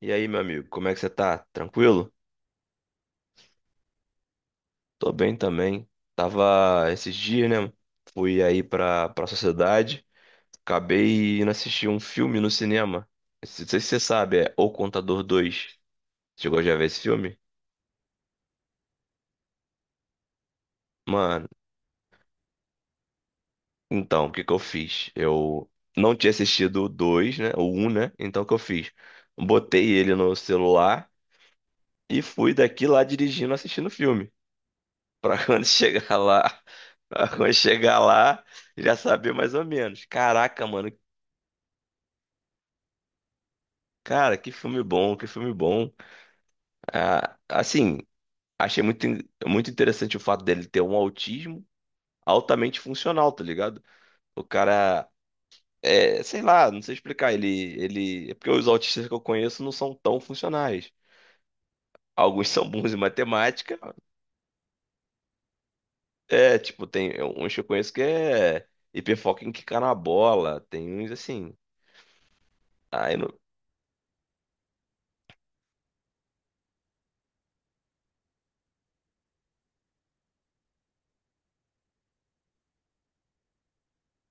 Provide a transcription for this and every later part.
E aí, meu amigo, como é que você tá? Tranquilo? Tô bem também. Tava esses dias, né? Fui aí pra sociedade. Acabei indo assistir um filme no cinema. Não sei se você sabe, é O Contador 2. Chegou já a ver esse filme? Mano, então, o que que eu fiz? Eu não tinha assistido o 2, né? O um, né? Então, o que eu fiz? Botei ele no celular e fui daqui lá dirigindo, assistindo o filme. Pra quando chegar lá, pra quando chegar lá, já saber mais ou menos. Caraca, mano, cara, que filme bom, que filme bom. Ah, assim, achei muito, muito interessante o fato dele ter um autismo altamente funcional, tá ligado? O cara, é, sei lá, não sei explicar, ele, é porque os autistas que eu conheço não são tão funcionais. Alguns são bons em matemática, é, tipo, tem uns que eu conheço que é hiperfoco em quicar na bola, tem uns assim. Aí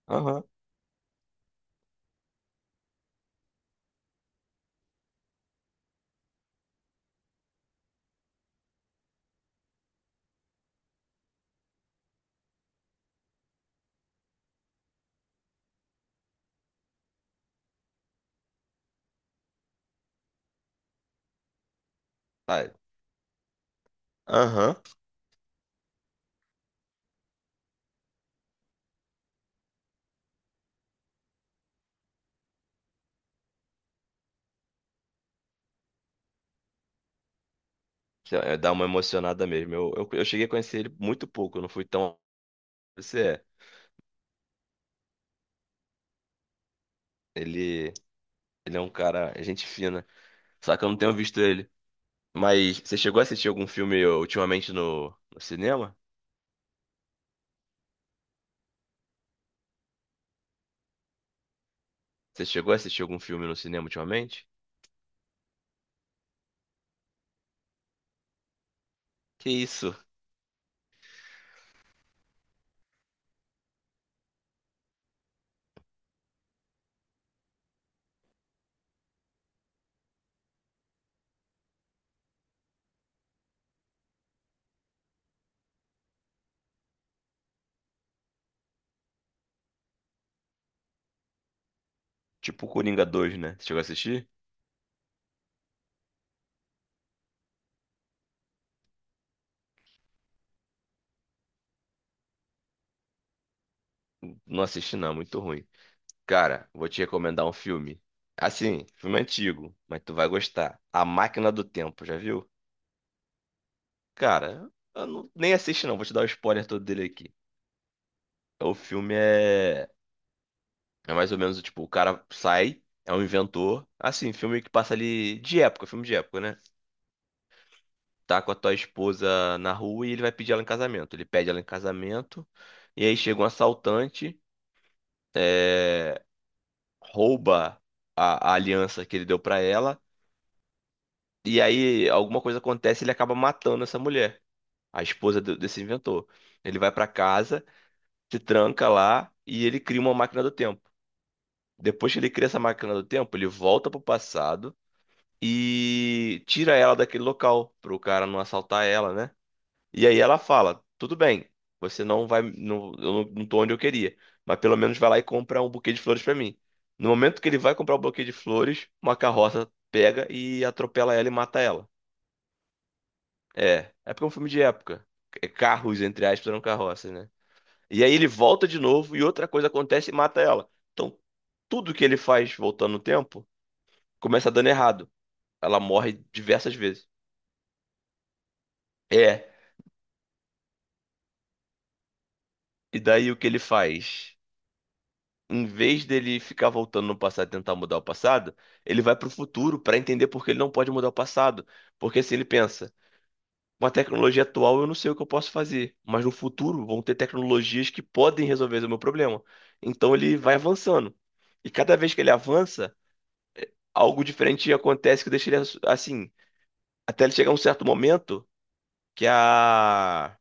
não. Ah, aham. Sei lá, dá uma emocionada mesmo. Eu cheguei a conhecer ele muito pouco, eu não fui tão. Você é. Ele, ele é um cara, é gente fina. Só que eu não tenho visto ele. Mas você chegou a assistir algum filme ultimamente no, no cinema? Você chegou a assistir algum filme no cinema ultimamente? Que isso? Tipo Coringa dois, né? Você chegou a assistir? Não assisti, não, muito ruim. Cara, vou te recomendar um filme. Assim, filme antigo, mas tu vai gostar. A Máquina do Tempo, já viu? Cara, eu nem assisti não, vou te dar o spoiler todo dele aqui. O filme é, é mais ou menos tipo, o cara sai, é um inventor. Assim, filme que passa ali de época, filme de época, né? Tá com a tua esposa na rua e ele vai pedir ela em casamento. Ele pede ela em casamento, e aí chega um assaltante, é, rouba a aliança que ele deu pra ela, e aí alguma coisa acontece e ele acaba matando essa mulher, a esposa desse inventor. Ele vai pra casa. Se tranca lá e ele cria uma máquina do tempo. Depois que ele cria essa máquina do tempo, ele volta pro passado e tira ela daquele local, pro cara não assaltar ela, né? E aí ela fala: "Tudo bem, você não vai, não, eu não, não tô onde eu queria, mas pelo menos vai lá e compra um buquê de flores pra mim." No momento que ele vai comprar o buquê de flores, uma carroça pega e atropela ela e mata ela. É, é porque é um filme de época. É Carros, entre aspas, eram carroças, né? E aí ele volta de novo e outra coisa acontece e mata ela. Então, tudo que ele faz voltando no tempo começa dando errado. Ela morre diversas vezes. É. E daí o que ele faz? Em vez dele ficar voltando no passado e tentar mudar o passado, ele vai pro futuro pra entender por que ele não pode mudar o passado. Porque assim ele pensa: com a tecnologia atual eu não sei o que eu posso fazer, mas no futuro vão ter tecnologias que podem resolver o meu problema. Então ele vai avançando. E cada vez que ele avança, algo diferente acontece que deixa ele assim, até ele chegar a um certo momento que a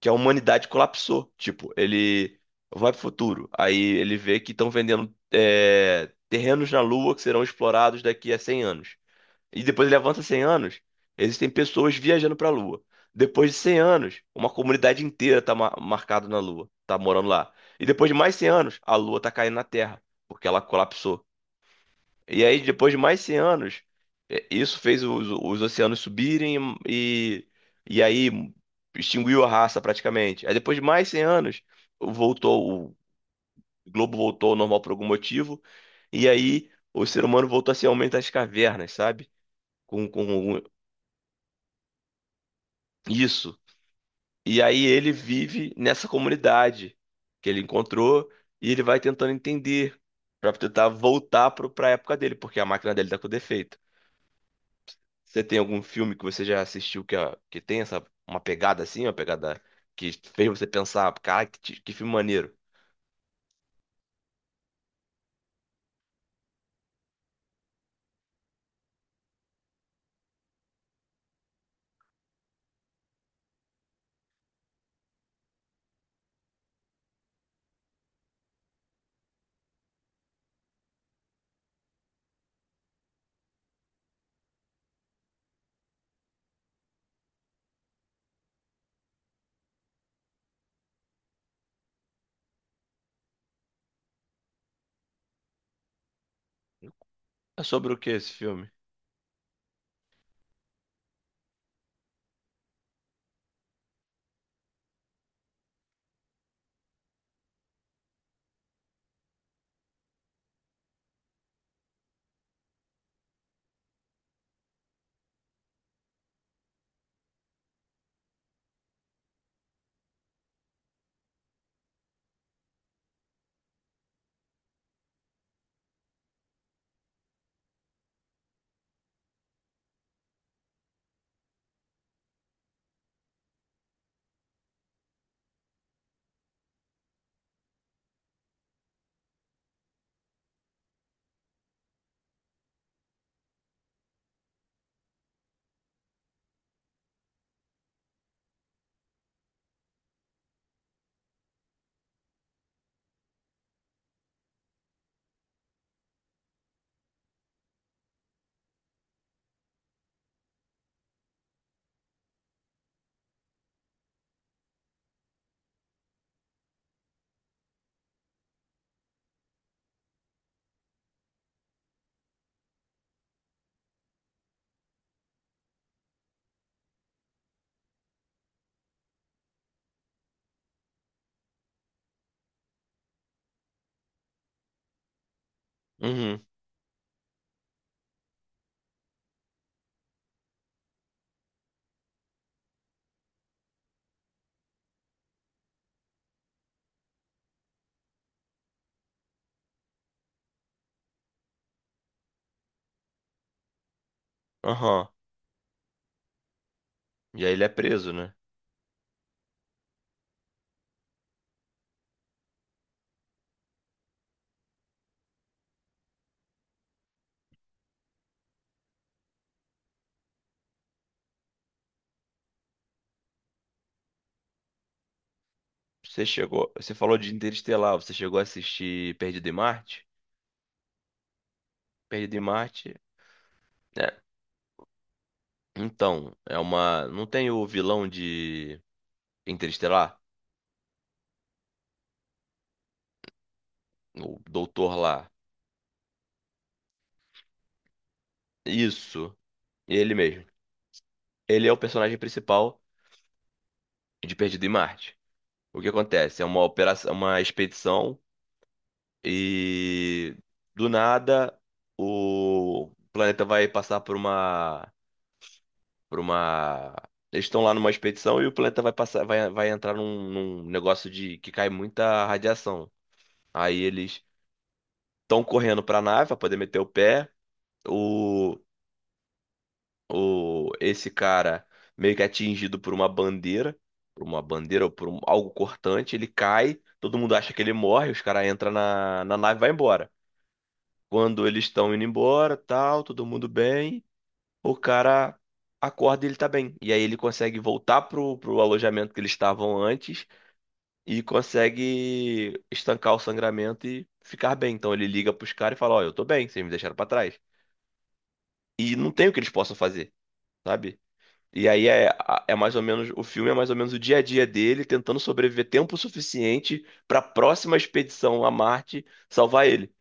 que a humanidade colapsou. Tipo, ele vai pro futuro, aí ele vê que estão vendendo terrenos na Lua que serão explorados daqui a 100 anos. E depois ele avança 100 anos, existem pessoas viajando pra Lua. Depois de 100 anos, uma comunidade inteira tá marcada na Lua, tá morando lá. E depois de mais 100 anos, a Lua tá caindo na Terra, porque ela colapsou. E aí, depois de mais 100 anos, é, isso fez os oceanos subirem e aí extinguiu a raça praticamente. Aí, depois de mais 100 anos, voltou, o globo voltou ao normal por algum motivo. E aí, o ser humano voltou a ser aumento das cavernas, sabe? Com isso. E aí, ele vive nessa comunidade que ele encontrou e ele vai tentando entender para tentar voltar para a época dele, porque a máquina dele está com defeito. Você tem algum filme que você já assistiu que, que tem essa, uma pegada assim, uma pegada que fez você pensar, cara, que, que filme maneiro. É sobre o que esse filme? Uhum, aham. E aí ele é preso, né? Você chegou, você falou de Interestelar, você chegou a assistir Perdido em Marte? Perdido em Marte, é, então, é uma, não tem o vilão de Interestelar? O doutor lá. Isso, ele mesmo. Ele é o personagem principal de Perdido em Marte. O que acontece? É uma operação, uma expedição e do nada o planeta vai passar por uma, por uma. Eles estão lá numa expedição e o planeta vai passar, vai entrar num negócio de que cai muita radiação. Aí eles estão correndo para a nave para poder meter o pé. O, o esse cara meio que é atingido por uma bandeira ou por algo cortante, ele cai. Todo mundo acha que ele morre, os caras entram na nave e vai embora. Quando eles estão indo embora, tal, todo mundo bem, o cara acorda e ele tá bem. E aí ele consegue voltar pro alojamento que eles estavam antes e consegue estancar o sangramento e ficar bem. Então ele liga pros caras e fala: "Ó, eu tô bem, vocês me deixaram pra trás." E não tem o que eles possam fazer, sabe? E aí é mais ou menos, o filme é mais ou menos o dia a dia dele tentando sobreviver tempo suficiente pra próxima expedição a Marte salvar ele.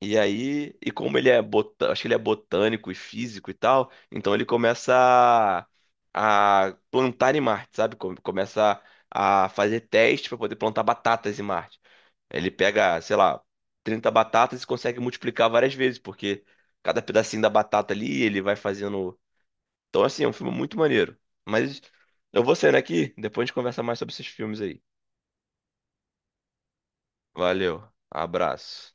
E aí, e como ele é botânico, acho que ele é botânico e físico e tal, então ele começa a, plantar em Marte, sabe? Começa a fazer testes para poder plantar batatas em Marte. Ele pega, sei lá, 30 batatas e consegue multiplicar várias vezes, porque cada pedacinho da batata ali ele vai fazendo. Então, assim, é um filme muito maneiro. Mas eu vou saindo aqui, depois a gente conversa mais sobre esses filmes aí. Valeu, abraço.